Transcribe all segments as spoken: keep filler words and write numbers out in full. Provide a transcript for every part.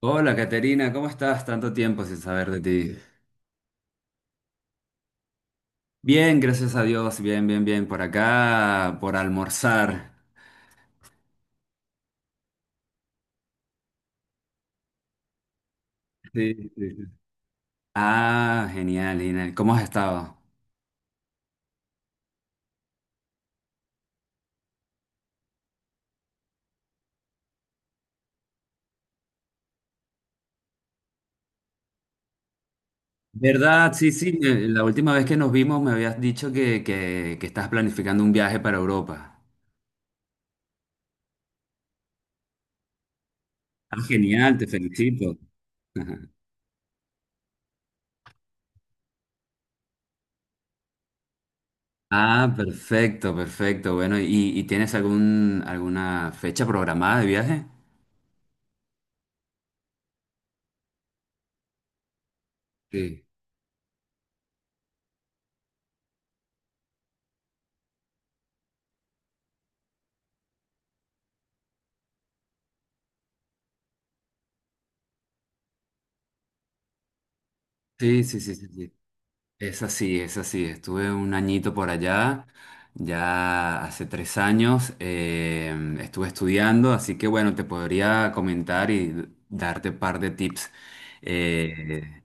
Hola, Caterina, ¿cómo estás? Tanto tiempo sin saber de ti. Bien, gracias a Dios, bien, bien, bien. Por acá, por almorzar. Sí, sí, sí. Ah, genial, genial. ¿Cómo has estado? ¿Verdad? Sí, sí. me- La última vez que nos vimos me habías dicho que, que, que estás planificando un viaje para Europa. Ah, genial, te felicito. Ah, perfecto, perfecto. Bueno, ¿y, y tienes algún, alguna fecha programada de viaje? Sí. Sí, sí, sí, sí. sí. Es así, es así. Estuve un añito por allá, ya hace tres años, em, estuve estudiando, así que bueno, te podría comentar y darte un par de tips. Sí. Eh,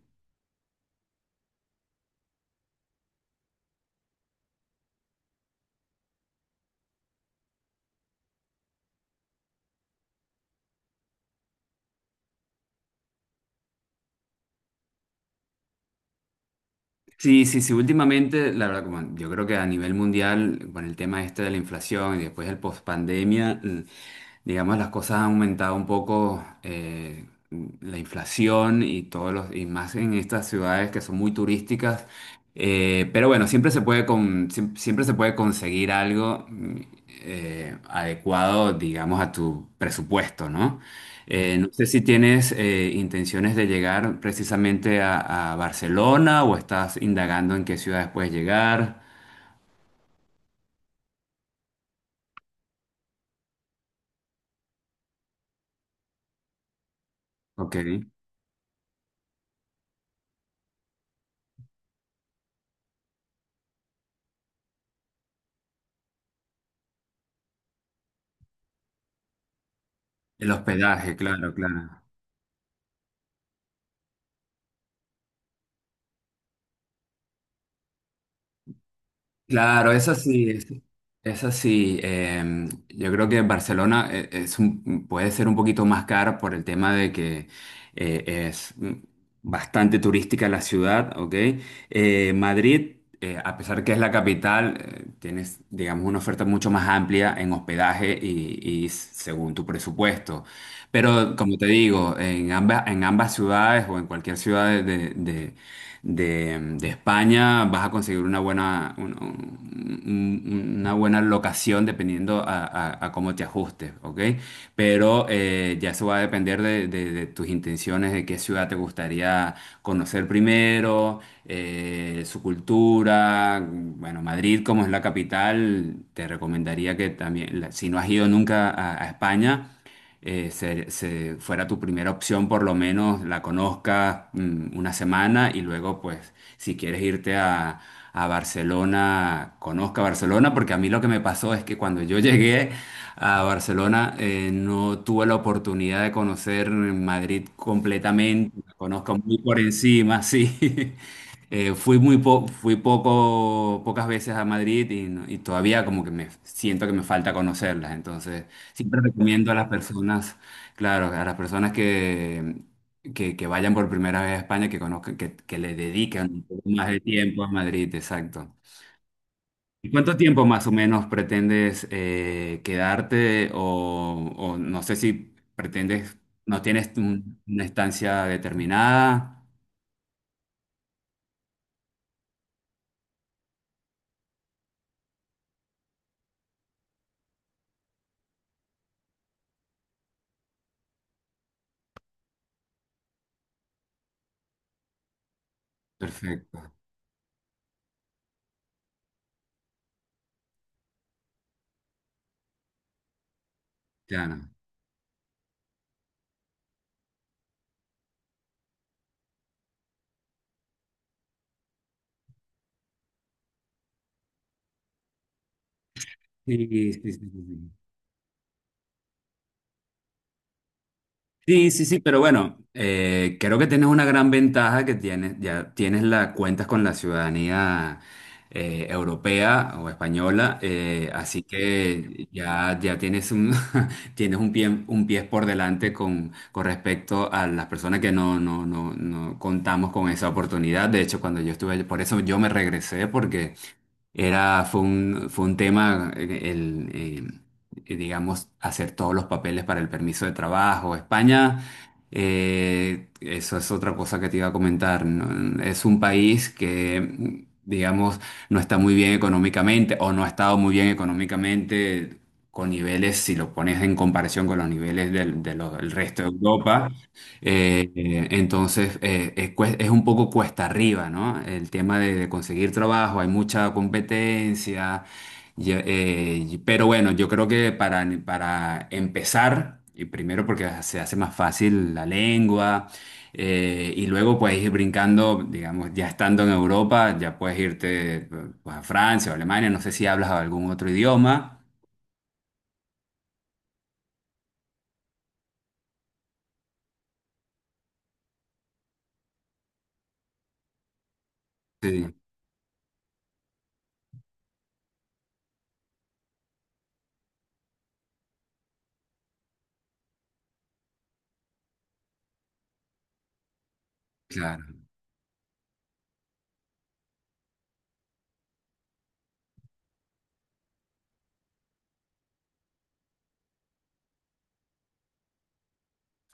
Sí, sí, sí, últimamente, la verdad, como yo creo que a nivel mundial, con el tema este de la inflación y después del post-pandemia, l- digamos, las cosas han aumentado un poco, eh, la inflación y todos los, y más en estas ciudades que son muy turísticas. Eh, pero bueno, siempre se puede con, siem- siempre se puede conseguir algo mm, eh, adecuado, digamos, a tu presupuesto, ¿no? Eh, no sé si tienes eh, intenciones de llegar precisamente a, a Barcelona o estás indagando en qué ciudades puedes llegar. Ok. El hospedaje, claro, claro. Claro, es así, es, es así. Em, yo creo que Barcelona eh, es un- puede ser un poquito más cara por el tema de que eh, es mm, bastante turística la ciudad, ¿ok? Eh, Madrid, eh, a pesar que es la capital, eh, tienes, digamos, una oferta mucho más amplia en hospedaje y, y s- según tu presupuesto. Pero como te digo, en ambas, en ambas ciudades o en cualquier ciudad de, de- de, de España, vas a conseguir una buena, un- un- una buena locación dependiendo a, a- a cómo te ajustes, ¿ok? Pero eh, ya eso va a depender de, de- de tus intenciones, de qué ciudad te gustaría conocer primero, eh, su cultura. Bueno, Madrid, como es la capital, te recomendaría que también, la- si no has ido nunca a a España, eh, se- se- fuera tu primera opción, por lo menos la conozcas mm, una semana y luego, pues, si quieres irte a, a Barcelona, conozca Barcelona, porque a mí lo que me pasó es que cuando yo llegué a Barcelona eh, no tuve la oportunidad de conocer Madrid completamente, la conozco muy por encima, sí. Eh, fui muy po- fui poco, pocas veces a Madrid y, no- y todavía como que me siento que me falta conocerlas, entonces siempre recomiendo a las personas, claro, a las personas que, que, que vayan por primera vez a España, que conozcan, que, que le dedican un poco más de tiempo a Madrid, exacto. ¿Y cuánto tiempo más o menos pretendes eh, quedarte? O, o no sé si pretendes, no tienes un- una estancia determinada. Perfecto, ya no. Sí, sí, sí, sí. sí. Sí, sí, sí, pero bueno, eh, creo que tienes una gran ventaja que tienes, ya tienes la, cuentas con la ciudadanía eh, europea o española, eh, así que ya, ya tienes un, tienes un pie, un pie por delante con, con respecto a las personas que no, no, no, no contamos con esa oportunidad. De hecho, cuando yo estuve, por eso yo me regresé, porque era, fue un, fue un tema, eh, el, eh, digamos, hacer todos los papeles para el permiso de trabajo. España, eh, eso es otra cosa que te iba a comentar, ¿no? Es un país que, digamos, no está muy bien económicamente o no ha estado muy bien económicamente con niveles, si lo pones en comparación con los niveles del, de los- del resto de Europa. eh, eh, entonces, eh, es, cues- es un poco cuesta arriba, ¿no? El tema de, de conseguir trabajo, hay mucha competencia, y- eh, y- pero bueno, yo creo que para, para empezar, y primero porque se hace más fácil la lengua, eh, y luego puedes ir brincando, digamos, ya estando en Europa, ya puedes irte pues, a Francia o Alemania, no sé si hablas algún otro idioma. Sí, claro.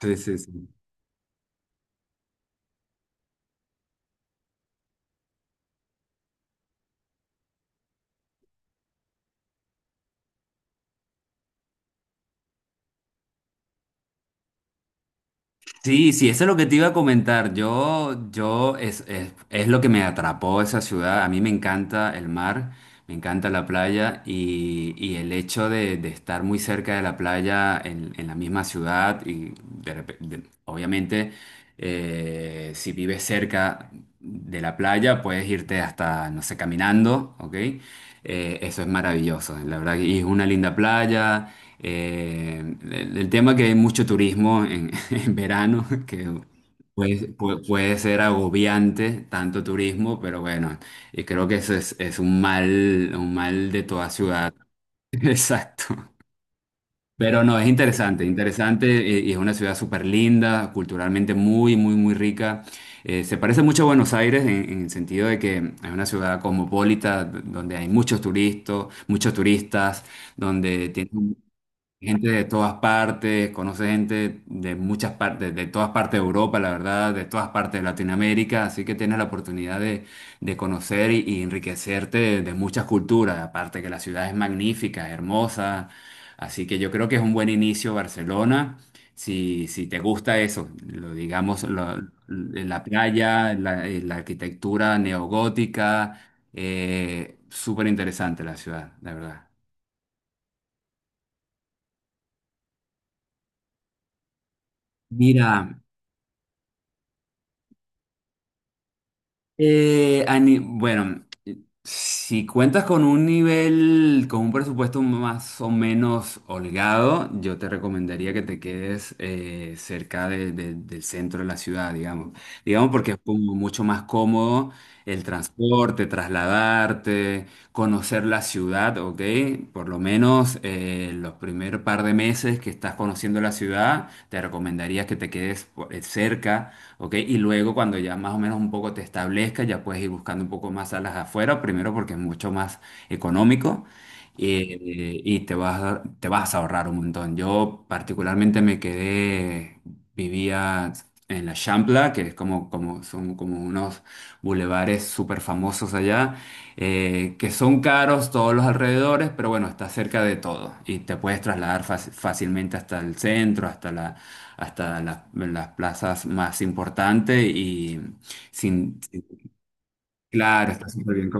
Sí, sí, sí. Sí, sí, eso es lo que te iba a comentar. Yo, yo, es, es, es lo que me atrapó esa ciudad. A mí me encanta el mar, me encanta la playa y, y el hecho de, de estar muy cerca de la playa en, en la misma ciudad y de repe- de- obviamente eh, si vives cerca de la playa puedes irte hasta, no sé, caminando, ¿ok? Eh, eso es maravilloso, la verdad. Y es una linda playa. Eh, el, el tema que hay mucho turismo en en verano, que puede, pu- puede ser agobiante tanto turismo, pero bueno, y creo que eso es, es un mal, un mal de toda ciudad. Exacto. Pero no, es interesante, interesante eh, y es una ciudad súper linda, culturalmente muy, muy, muy rica. Eh, se parece mucho a Buenos Aires en, en el sentido de que es una ciudad cosmopolita d- donde hay muchos turistas, muchos turistas, donde tiene gente de todas partes, conoce gente de muchas partes, de todas partes de Europa, la verdad, de todas partes de Latinoamérica, así que tienes la oportunidad de, de conocer y, y enriquecerte de, de muchas culturas, aparte que la ciudad es magnífica, hermosa, así que yo creo que es un buen inicio Barcelona, si, si te gusta eso, lo digamos, lo- la playa, la, la arquitectura neogótica, eh, súper interesante la ciudad, la verdad. Mira. Eh, ani- bueno, si cuentas con un nivel, con un presupuesto más o menos holgado, yo te recomendaría que te quedes eh, cerca de- de- del centro de la ciudad, digamos. Digamos porque es como mucho más cómodo el transporte, trasladarte, conocer la ciudad, ¿ok? Por lo menos eh, los primer par de meses que estás conociendo la ciudad, te recomendaría que te quedes por- eh, cerca, ¿ok? Y luego cuando ya más o menos un poco te establezcas, ya puedes ir buscando un poco más salas afuera, primero porque es mucho más económico eh, y te vas, a- te vas a ahorrar un montón. Yo particularmente me quedé, vivía en la Champla, que es como, como, son como unos bulevares súper famosos allá, eh, que son caros todos los alrededores, pero bueno, está cerca de todo y te puedes trasladar fácil- fácilmente hasta el centro, hasta la hasta en las, en las plazas más importantes y sin, sin- claro, está súper bien.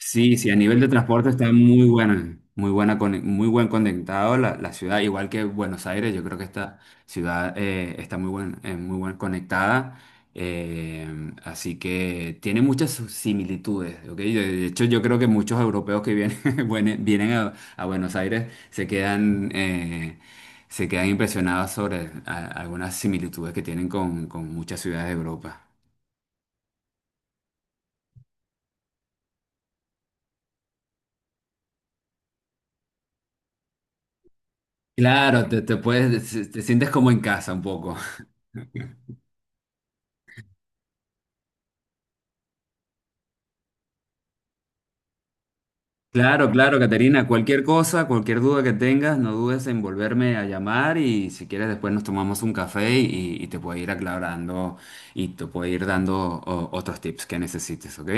Sí, sí, a nivel de transporte está muy buena, muy buena, con- muy buen conectado la, la ciudad, igual que Buenos Aires, yo creo que esta ciudad eh, está muy buen, eh, muy buen conectada, eh, así que tiene muchas sus similitudes, ¿ok? De, de hecho, yo creo que muchos europeos que vienen, vienen vienen a, a Buenos Aires se quedan, eh, se quedan impresionados sobre a- algunas similitudes que tienen con, con muchas ciudades de Europa. Claro, te, te puedes, te sientes como en casa un poco. Claro, claro, Caterina, cualquier cosa, cualquier duda que tengas, no dudes en volverme a llamar y si quieres después nos tomamos un café y, y te puedo ir aclarando y te puedo ir dando o- otros tips que necesites, ¿ok?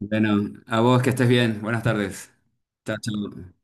Bueno, a vos que estés bien, buenas tardes. Chao, chao.